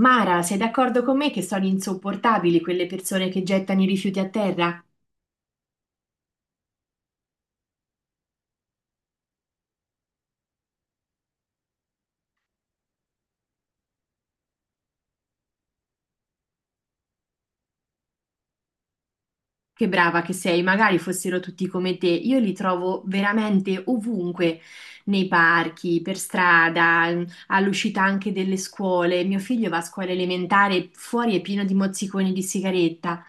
Mara, sei d'accordo con me che sono insopportabili quelle persone che gettano i rifiuti a terra? Che brava che sei, magari fossero tutti come te. Io li trovo veramente ovunque, nei parchi, per strada, all'uscita anche delle scuole. Mio figlio va a scuola elementare, fuori è pieno di mozziconi di sigaretta.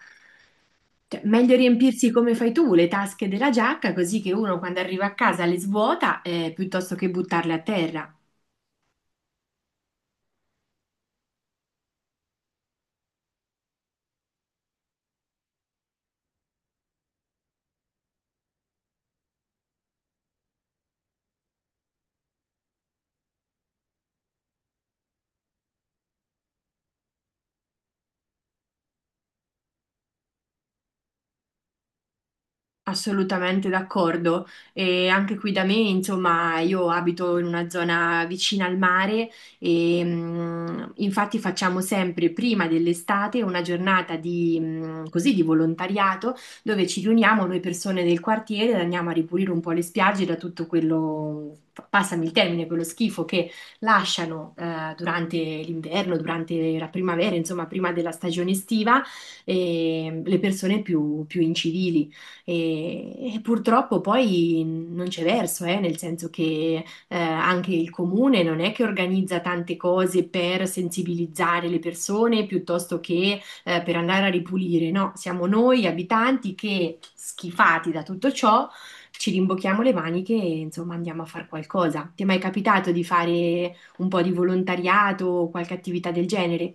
Cioè, meglio riempirsi come fai tu le tasche della giacca, così che uno quando arriva a casa le svuota, piuttosto che buttarle a terra. Assolutamente d'accordo. E anche qui da me, insomma, io abito in una zona vicina al mare e infatti facciamo sempre prima dell'estate una giornata di, così, di volontariato dove ci riuniamo noi persone del quartiere e andiamo a ripulire un po' le spiagge da tutto quello, passami il termine, quello schifo che lasciano durante l'inverno, durante la primavera, insomma, prima della stagione estiva, le persone più incivili. E purtroppo poi non c'è verso, nel senso che anche il comune non è che organizza tante cose per sensibilizzare le persone piuttosto che per andare a ripulire, no? Siamo noi abitanti che, schifati da tutto ciò, ci rimbocchiamo le maniche e insomma andiamo a fare qualcosa. Ti è mai capitato di fare un po' di volontariato o qualche attività del genere?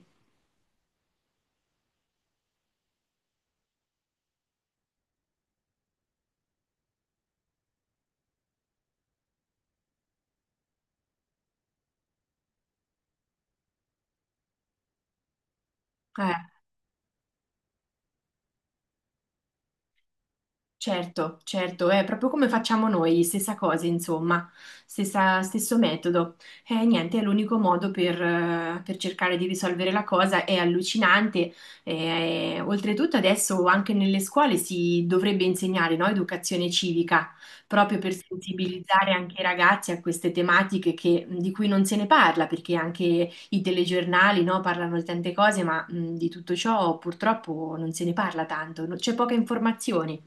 Eh. Certo, certo, è proprio come facciamo noi, stessa cosa, insomma, stesso metodo. E niente, è l'unico modo per cercare di risolvere la cosa, è allucinante. Oltretutto adesso anche nelle scuole si dovrebbe insegnare, no, educazione civica, proprio per sensibilizzare anche i ragazzi a queste tematiche di cui non se ne parla, perché anche i telegiornali, no, parlano di tante cose, ma di tutto ciò purtroppo non se ne parla tanto, c'è poca informazione.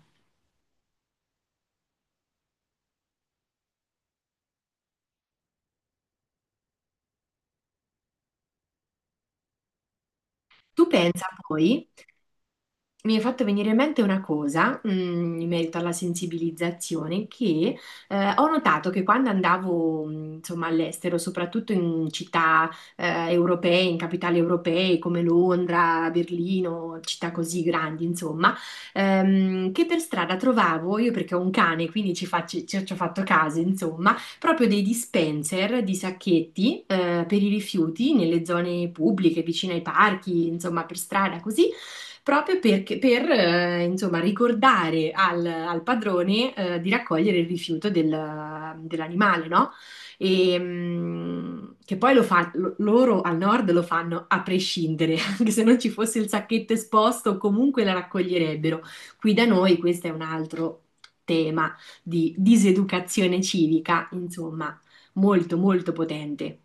Tu pensa poi mi è fatto venire in mente una cosa, in merito alla sensibilizzazione, che ho notato che quando andavo, insomma, all'estero, soprattutto in città europee, in capitali europee come Londra, Berlino, città così grandi, insomma, che per strada trovavo, io perché ho un cane, quindi ci faccio, ci ho fatto caso, insomma, proprio dei dispenser di sacchetti per i rifiuti nelle zone pubbliche, vicino ai parchi, insomma, per strada, così proprio perché, per, insomma, ricordare al, al padrone, di raccogliere il rifiuto dell'animale, no? E, che poi loro al nord lo fanno a prescindere, anche se non ci fosse il sacchetto esposto, comunque la raccoglierebbero. Qui da noi questo è un altro tema di diseducazione civica, insomma, molto molto potente.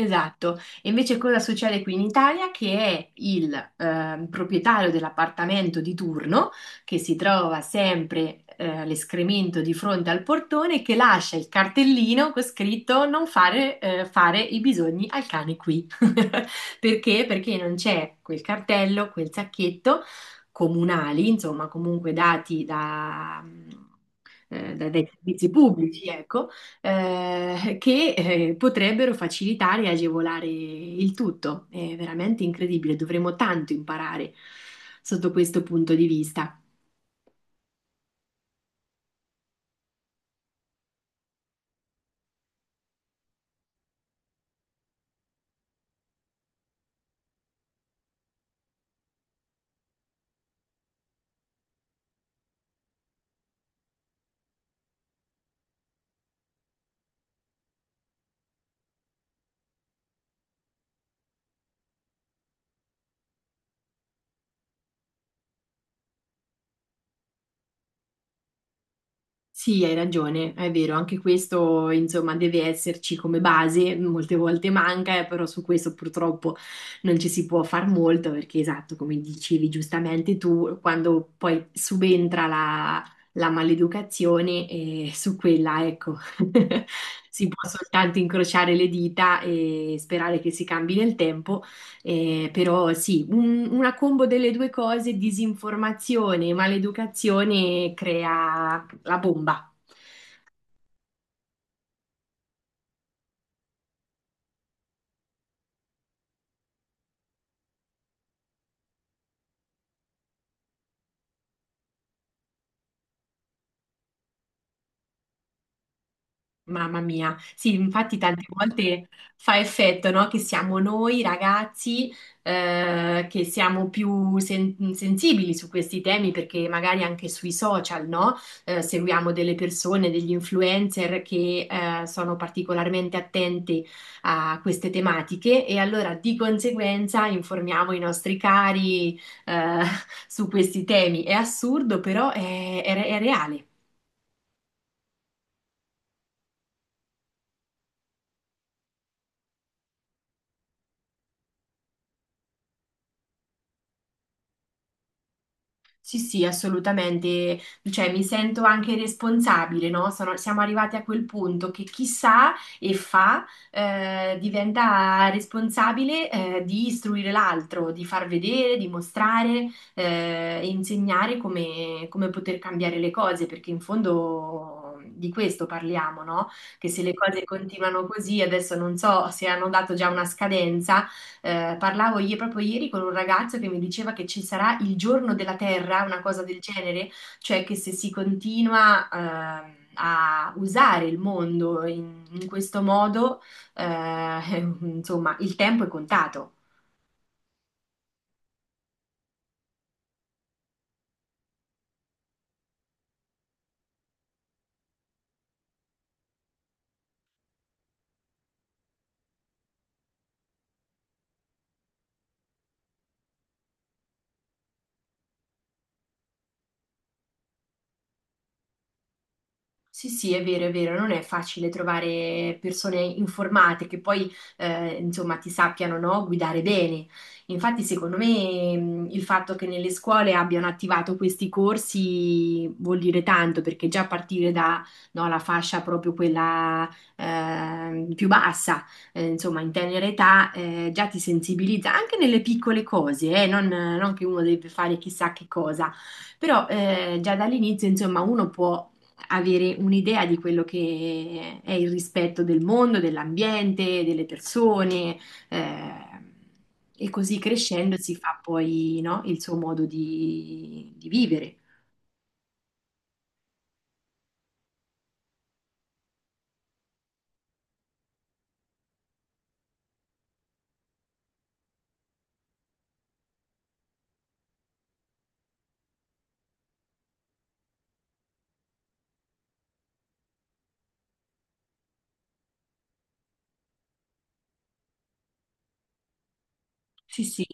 Esatto, e invece cosa succede qui in Italia? Che è il proprietario dell'appartamento di turno che si trova sempre l'escremento di fronte al portone che lascia il cartellino con scritto non fare, fare i bisogni al cane qui. Perché? Perché non c'è quel cartello, quel sacchetto comunali, insomma, comunque dati da, dai servizi pubblici, ecco, che potrebbero facilitare e agevolare il tutto. È veramente incredibile, dovremmo tanto imparare sotto questo punto di vista. Sì, hai ragione, è vero, anche questo insomma deve esserci come base, molte volte manca, però su questo purtroppo non ci si può far molto perché esatto, come dicevi giustamente tu, quando poi subentra la, la maleducazione, su quella, ecco, si può soltanto incrociare le dita e sperare che si cambi nel tempo, però sì, una combo delle due cose, disinformazione e maleducazione, crea la bomba. Mamma mia, sì, infatti tante volte fa effetto, no? Che siamo noi ragazzi che siamo più sensibili su questi temi perché magari anche sui social, no? Seguiamo delle persone, degli influencer che sono particolarmente attenti a queste tematiche e allora di conseguenza informiamo i nostri cari eh, su questi temi. È assurdo, però è reale. Sì, sì, assolutamente. Cioè, mi sento anche responsabile, no? Siamo arrivati a quel punto che chi sa e fa diventa responsabile di istruire l'altro, di far vedere, di mostrare e insegnare come, come poter cambiare le cose, perché in fondo di questo parliamo, no? Che se le cose continuano così, adesso non so se hanno dato già una scadenza parlavo io proprio ieri con un ragazzo che mi diceva che ci sarà il giorno della Terra, una cosa del genere, cioè che se si continua, a usare il mondo in, in questo modo, eh, insomma, il tempo è contato. Sì, sì, è vero, non è facile trovare persone informate che poi, insomma, ti sappiano, no, guidare bene. Infatti, secondo me, il fatto che nelle scuole abbiano attivato questi corsi vuol dire tanto, perché già a partire da, no, la fascia proprio quella, più bassa, insomma, in tenera età, già ti sensibilizza anche nelle piccole cose, non, non che uno deve fare chissà che cosa. Però già dall'inizio, insomma, uno può avere un'idea di quello che è il rispetto del mondo, dell'ambiente, delle persone, eh, e così crescendo si fa poi, no, il suo modo di vivere. Sì, sì.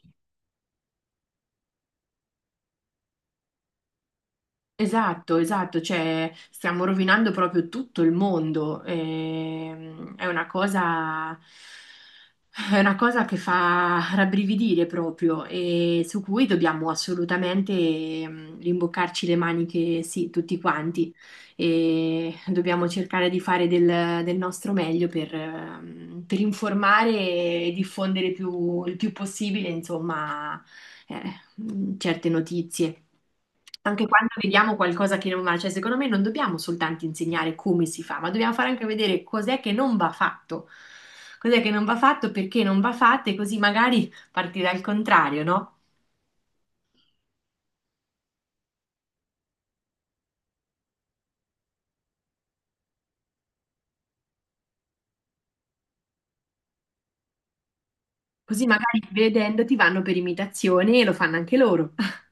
Esatto, esatto, cioè stiamo rovinando proprio tutto il mondo. È una cosa, è una cosa che fa rabbrividire proprio e su cui dobbiamo assolutamente rimboccarci le maniche, sì, tutti quanti. E dobbiamo cercare di fare del, del nostro meglio per informare e diffondere il più possibile, insomma, certe notizie. Anche quando vediamo qualcosa che non va, cioè secondo me non dobbiamo soltanto insegnare come si fa, ma dobbiamo fare anche vedere cos'è che non va fatto, cos'è che non va fatto, perché non va fatto e così magari parti dal contrario, no? Così magari vedendo ti vanno per imitazione e lo fanno anche loro.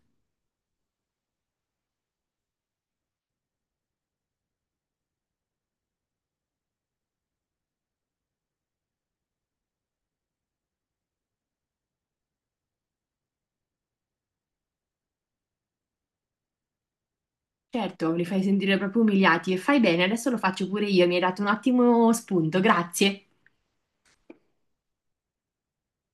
Certo, li fai sentire proprio umiliati e fai bene, adesso lo faccio pure io, mi hai dato un ottimo spunto, grazie.